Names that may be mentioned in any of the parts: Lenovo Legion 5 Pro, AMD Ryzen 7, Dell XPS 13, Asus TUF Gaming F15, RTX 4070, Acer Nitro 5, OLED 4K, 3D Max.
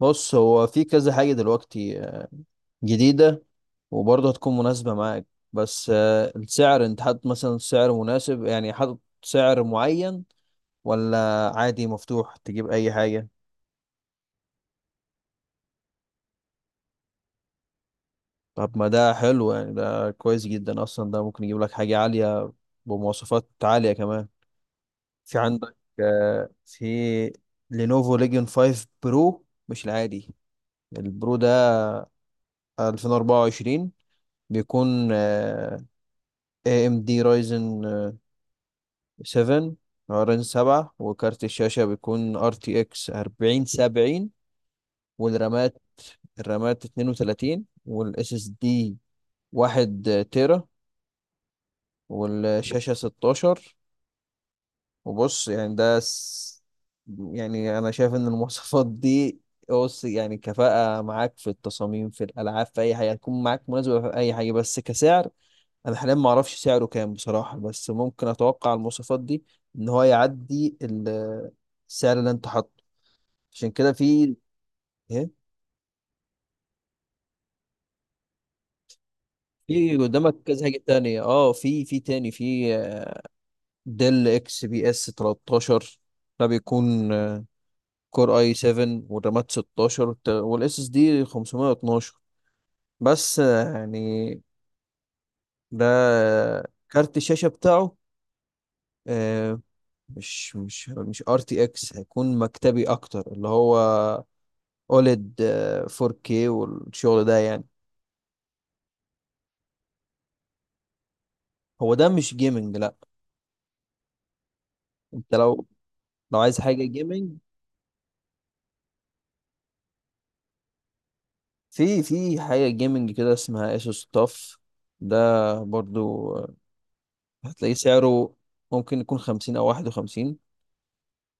بص، هو في كذا حاجة دلوقتي جديدة وبرضه هتكون مناسبة معاك. بس السعر، انت حاطط مثلا سعر مناسب، يعني حاطط سعر معين ولا عادي مفتوح تجيب أي حاجة؟ طب ما ده حلو، يعني ده كويس جدا أصلا. ده ممكن يجيب لك حاجة عالية بمواصفات عالية كمان. في عندك في لينوفو ليجيون 5 برو، مش العادي، البرو ده 2024. بيكون AMD Ryzen 7. رامين 7، وكارت الشاشة بيكون ار تي اكس 40 70. والرامات 32، والاس اس دي 1 تيرا، والشاشة 16. وبص، يعني يعني انا شايف ان المواصفات دي، بص، يعني كفاءة معاك في التصاميم، في الالعاب، في اي حاجة هتكون معاك مناسبة في اي حاجة. بس كسعر، انا حاليا ما اعرفش سعره كام بصراحة، بس ممكن اتوقع المواصفات دي ان هو يعدي السعر اللي انت حاطه، عشان كده في. إيه؟ في قدامك كذا حاجة تانية، اه في، تاني، في ديل اكس بي اس 13. ده بيكون كور اي 7، والرامات 16، والاس اس دي 512. بس يعني ده كارت الشاشة بتاعه آه، مش ار تي اكس، هيكون مكتبي اكتر، اللي هو اوليد 4K والشغل ده يعني. هو ده مش جيمنج لا. انت لو عايز حاجة جيمنج، في حاجة جيمنج كده اسمها اسوس تاف. ده برضو هتلاقيه سعره ممكن يكون خمسين أو واحد وخمسين.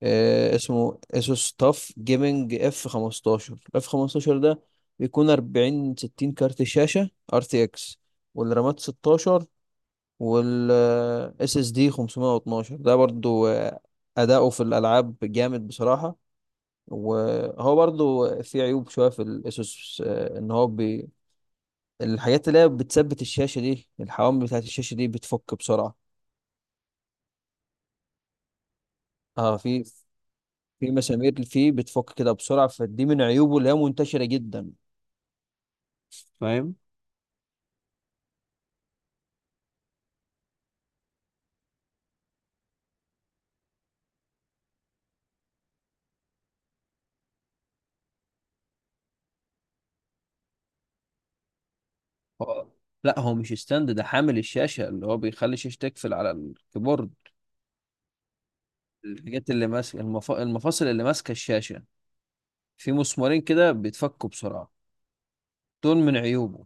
اسمه اسوس تاف جيمنج اف خمستاشر ده. بيكون أربعين ستين، كارت شاشة ار تي اكس، والرامات ستاشر، وال اس اس دي خمسمية واتناشر. ده برضو أداؤه في الألعاب جامد بصراحة. وهو برضو في عيوب شوية في الاسوس، إن هو الحاجات اللي هي بتثبت الشاشة دي، الحوامل بتاعت الشاشة دي بتفك بسرعة. اه، في مسامير فيه بتفك كده بسرعة، فدي من عيوبه اللي هي منتشرة جدا. فاهم. هو- لا هو مش ستاند، ده حامل الشاشة اللي هو بيخلي الشاشة تقفل على الكيبورد. الحاجات اللي ماسكة المفاصل اللي ماسكة الشاشة، في مسمارين كده بيتفكوا بسرعة. دول من عيوبه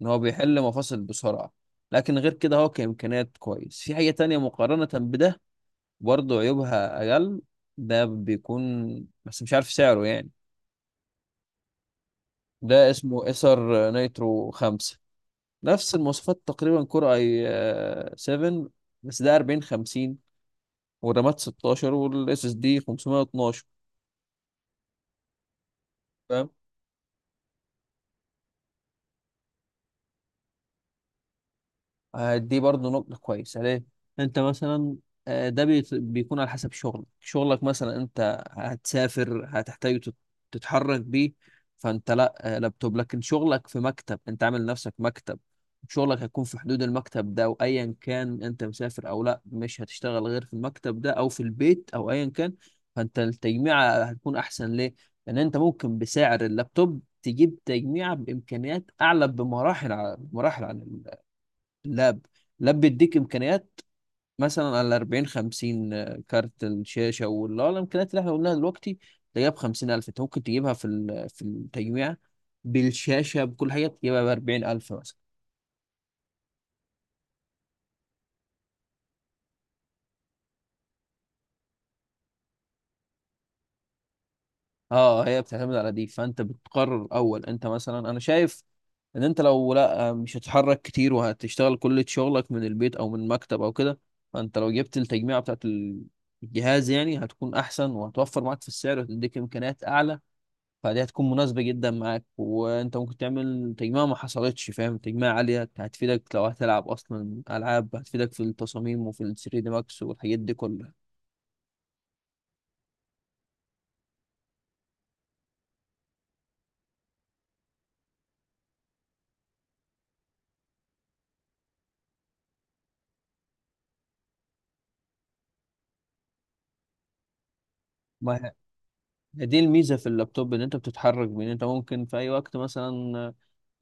ان هو بيحل مفاصل بسرعة. لكن غير كده هو كإمكانيات كويس. في حاجة تانية مقارنة بده، برضه عيوبها أقل. ده بيكون، بس مش عارف سعره يعني. ده اسمه ايسر نيترو خمسة. نفس المواصفات تقريبا، كور اي سفن، بس ده 40 50، والرامات 16، والاس اس دي 512. فاهم. دي برضو نقطة كويسة ليه؟ أنت مثلا ده بيكون على حسب شغلك، شغلك مثلا أنت هتسافر هتحتاج تتحرك بيه. فأنت لا لابتوب، لكن شغلك في مكتب، أنت عامل نفسك مكتب. شغلك هيكون في حدود المكتب ده، وأيا كان أنت مسافر أو لا مش هتشتغل غير في المكتب ده أو في البيت أو أيا كان. فأنت التجميعة هتكون أحسن ليه؟ لأن أنت ممكن بسعر اللابتوب تجيب تجميعة بإمكانيات أعلى بمراحل، بمراحل عن لاب. بيديك امكانيات مثلا على 40 50، كارت الشاشه واللي هو الامكانيات اللي احنا قلناها دلوقتي، تلاقيها ب 50000. انت ممكن تجيبها في التجميع، بالشاشه بكل حاجه تجيبها ب 40000 مثلا. اه، هي بتعتمد على دي، فانت بتقرر اول. انت مثلا انا شايف ان انت لو لا مش هتتحرك كتير وهتشتغل كل شغلك من البيت او من مكتب او كده. فانت لو جبت التجميع بتاعت الجهاز يعني هتكون احسن، وهتوفر معاك في السعر، وهتديك امكانيات اعلى. فدي هتكون مناسبة جدا معاك، وانت ممكن تعمل تجميع ما حصلتش فاهم. تجميع عالية هتفيدك لو هتلعب اصلا العاب، هتفيدك في التصاميم وفي ال 3 دي ماكس والحاجات دي كلها. ما هي دي الميزة في اللابتوب، ان انت بتتحرك، بان انت ممكن في اي وقت مثلا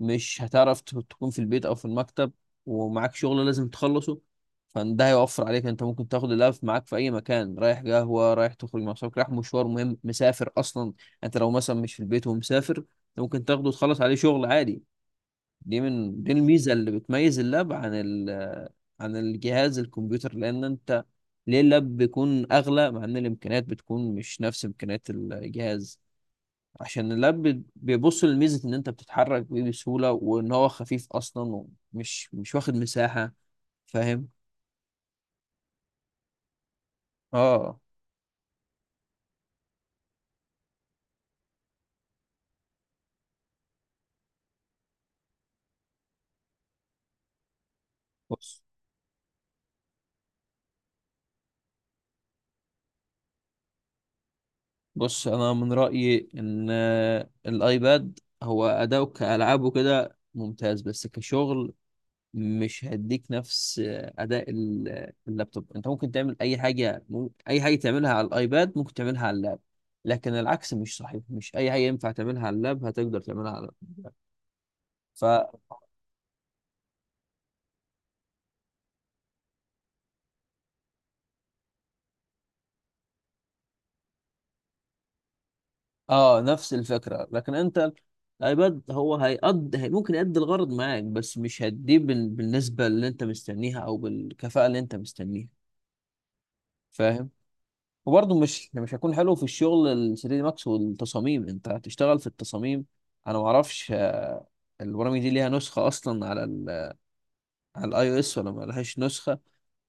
مش هتعرف تكون في البيت او في المكتب. ومعاك شغل لازم تخلصه، فده هيوفر عليك. انت ممكن تاخد اللاب معاك في اي مكان، رايح قهوة، رايح تخرج مع صحابك، رايح مشوار مهم، مسافر اصلا. انت لو مثلا مش في البيت ومسافر، ممكن تاخده وتخلص عليه شغل عادي. دي الميزه اللي بتميز اللاب عن عن الجهاز الكمبيوتر، لان انت، ليه اللاب بيكون اغلى مع ان الامكانيات بتكون مش نفس امكانيات الجهاز؟ عشان اللاب بيبص لميزه ان انت بتتحرك بيه بسهوله وان هو خفيف اصلا ومش مش واخد مساحه. فاهم. اه. بص بص انا من رايي ان الايباد هو اداؤه كالعاب وكده ممتاز، بس كشغل مش هيديك نفس اداء اللابتوب. انت ممكن تعمل اي حاجه تعملها على الايباد ممكن تعملها على اللاب. لكن العكس مش صحيح، مش اي حاجه ينفع تعملها على اللاب هتقدر تعملها على اللاب. ف اه، نفس الفكره. لكن انت الايباد هو ممكن يأدي الغرض معاك، بس مش هتديه بالنسبه اللي انت مستنيها او بالكفاءه اللي انت مستنيها. فاهم؟ وبرضه مش هيكون حلو في الشغل ال 3 دي ماكس والتصاميم، انت هتشتغل في التصاميم. انا ما اعرفش البرامج دي ليها نسخه اصلا على الاي او اس ولا ما لهاش نسخه.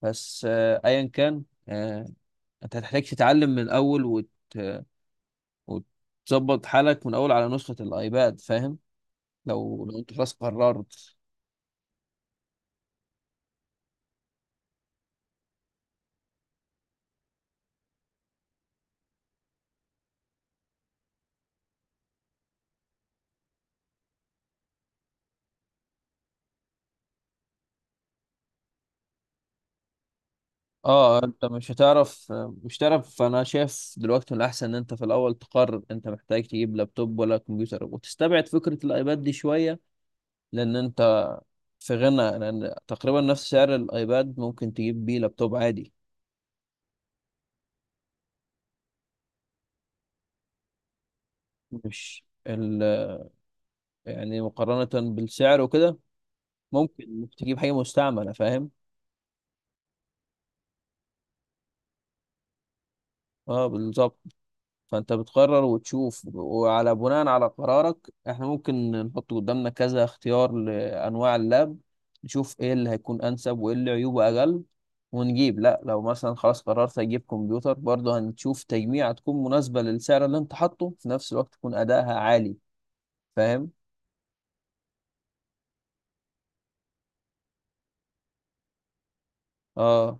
بس ايا كان، آه، انت هتحتاج تتعلم من الاول وتظبط حالك من الاول على نسخه الايباد. فاهم. لو انت خلاص قررت. اه انت مش هتعرف، انا شايف دلوقتي من الاحسن ان انت في الاول تقرر انت محتاج تجيب لابتوب ولا كمبيوتر، وتستبعد فكره الايباد دي شويه. لان انت في غنى، لان تقريبا نفس سعر الايباد ممكن تجيب بيه لابتوب عادي. مش ال... يعني مقارنة بالسعر وكده، ممكن تجيب حاجة مستعملة. فاهم. اه بالظبط. فانت بتقرر وتشوف وعلى بناء على قرارك احنا ممكن نحط قدامنا كذا اختيار لانواع اللاب، نشوف ايه اللي هيكون انسب وايه اللي عيوبه اقل ونجيب. لا لو مثلا خلاص قررت اجيب كمبيوتر، برضه هنشوف تجميع تكون مناسبة للسعر اللي انت حاطه، في نفس الوقت تكون ادائها عالي. فاهم. اه.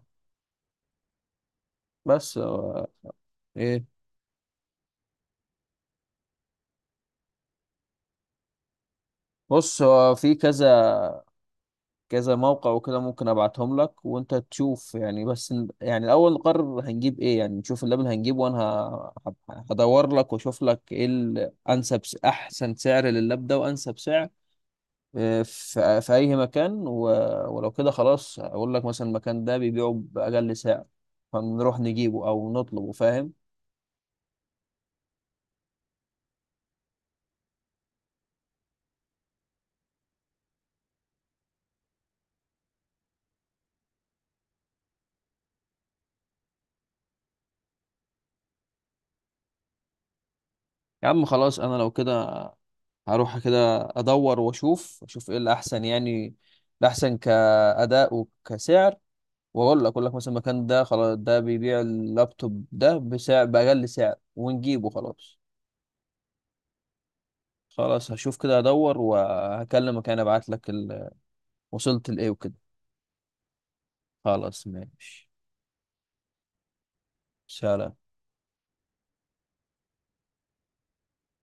بس هو، ايه؟ بص هو في كذا كذا موقع وكده، ممكن ابعتهم لك وانت تشوف يعني. بس يعني الاول نقرر هنجيب ايه، يعني نشوف اللبن هنجيبه، وانا هدور لك واشوف لك ايه الانسب، احسن سعر لللاب ده وانسب سعر. في اي مكان ولو كده خلاص، اقول لك مثلا المكان ده بيبيعه باقل سعر، فنروح نجيبه او نطلبه. فاهم. يا عم خلاص، انا لو كده هروح كده ادور واشوف، ايه الاحسن يعني، الاحسن كاداء وكسعر. واقول لك مثلا المكان ده خلاص ده بيبيع اللابتوب ده بسعر باقل سعر ونجيبه خلاص. خلاص هشوف كده ادور وهكلمك. انا ابعت لك وصلت لايه وكده. خلاص ماشي. سلام.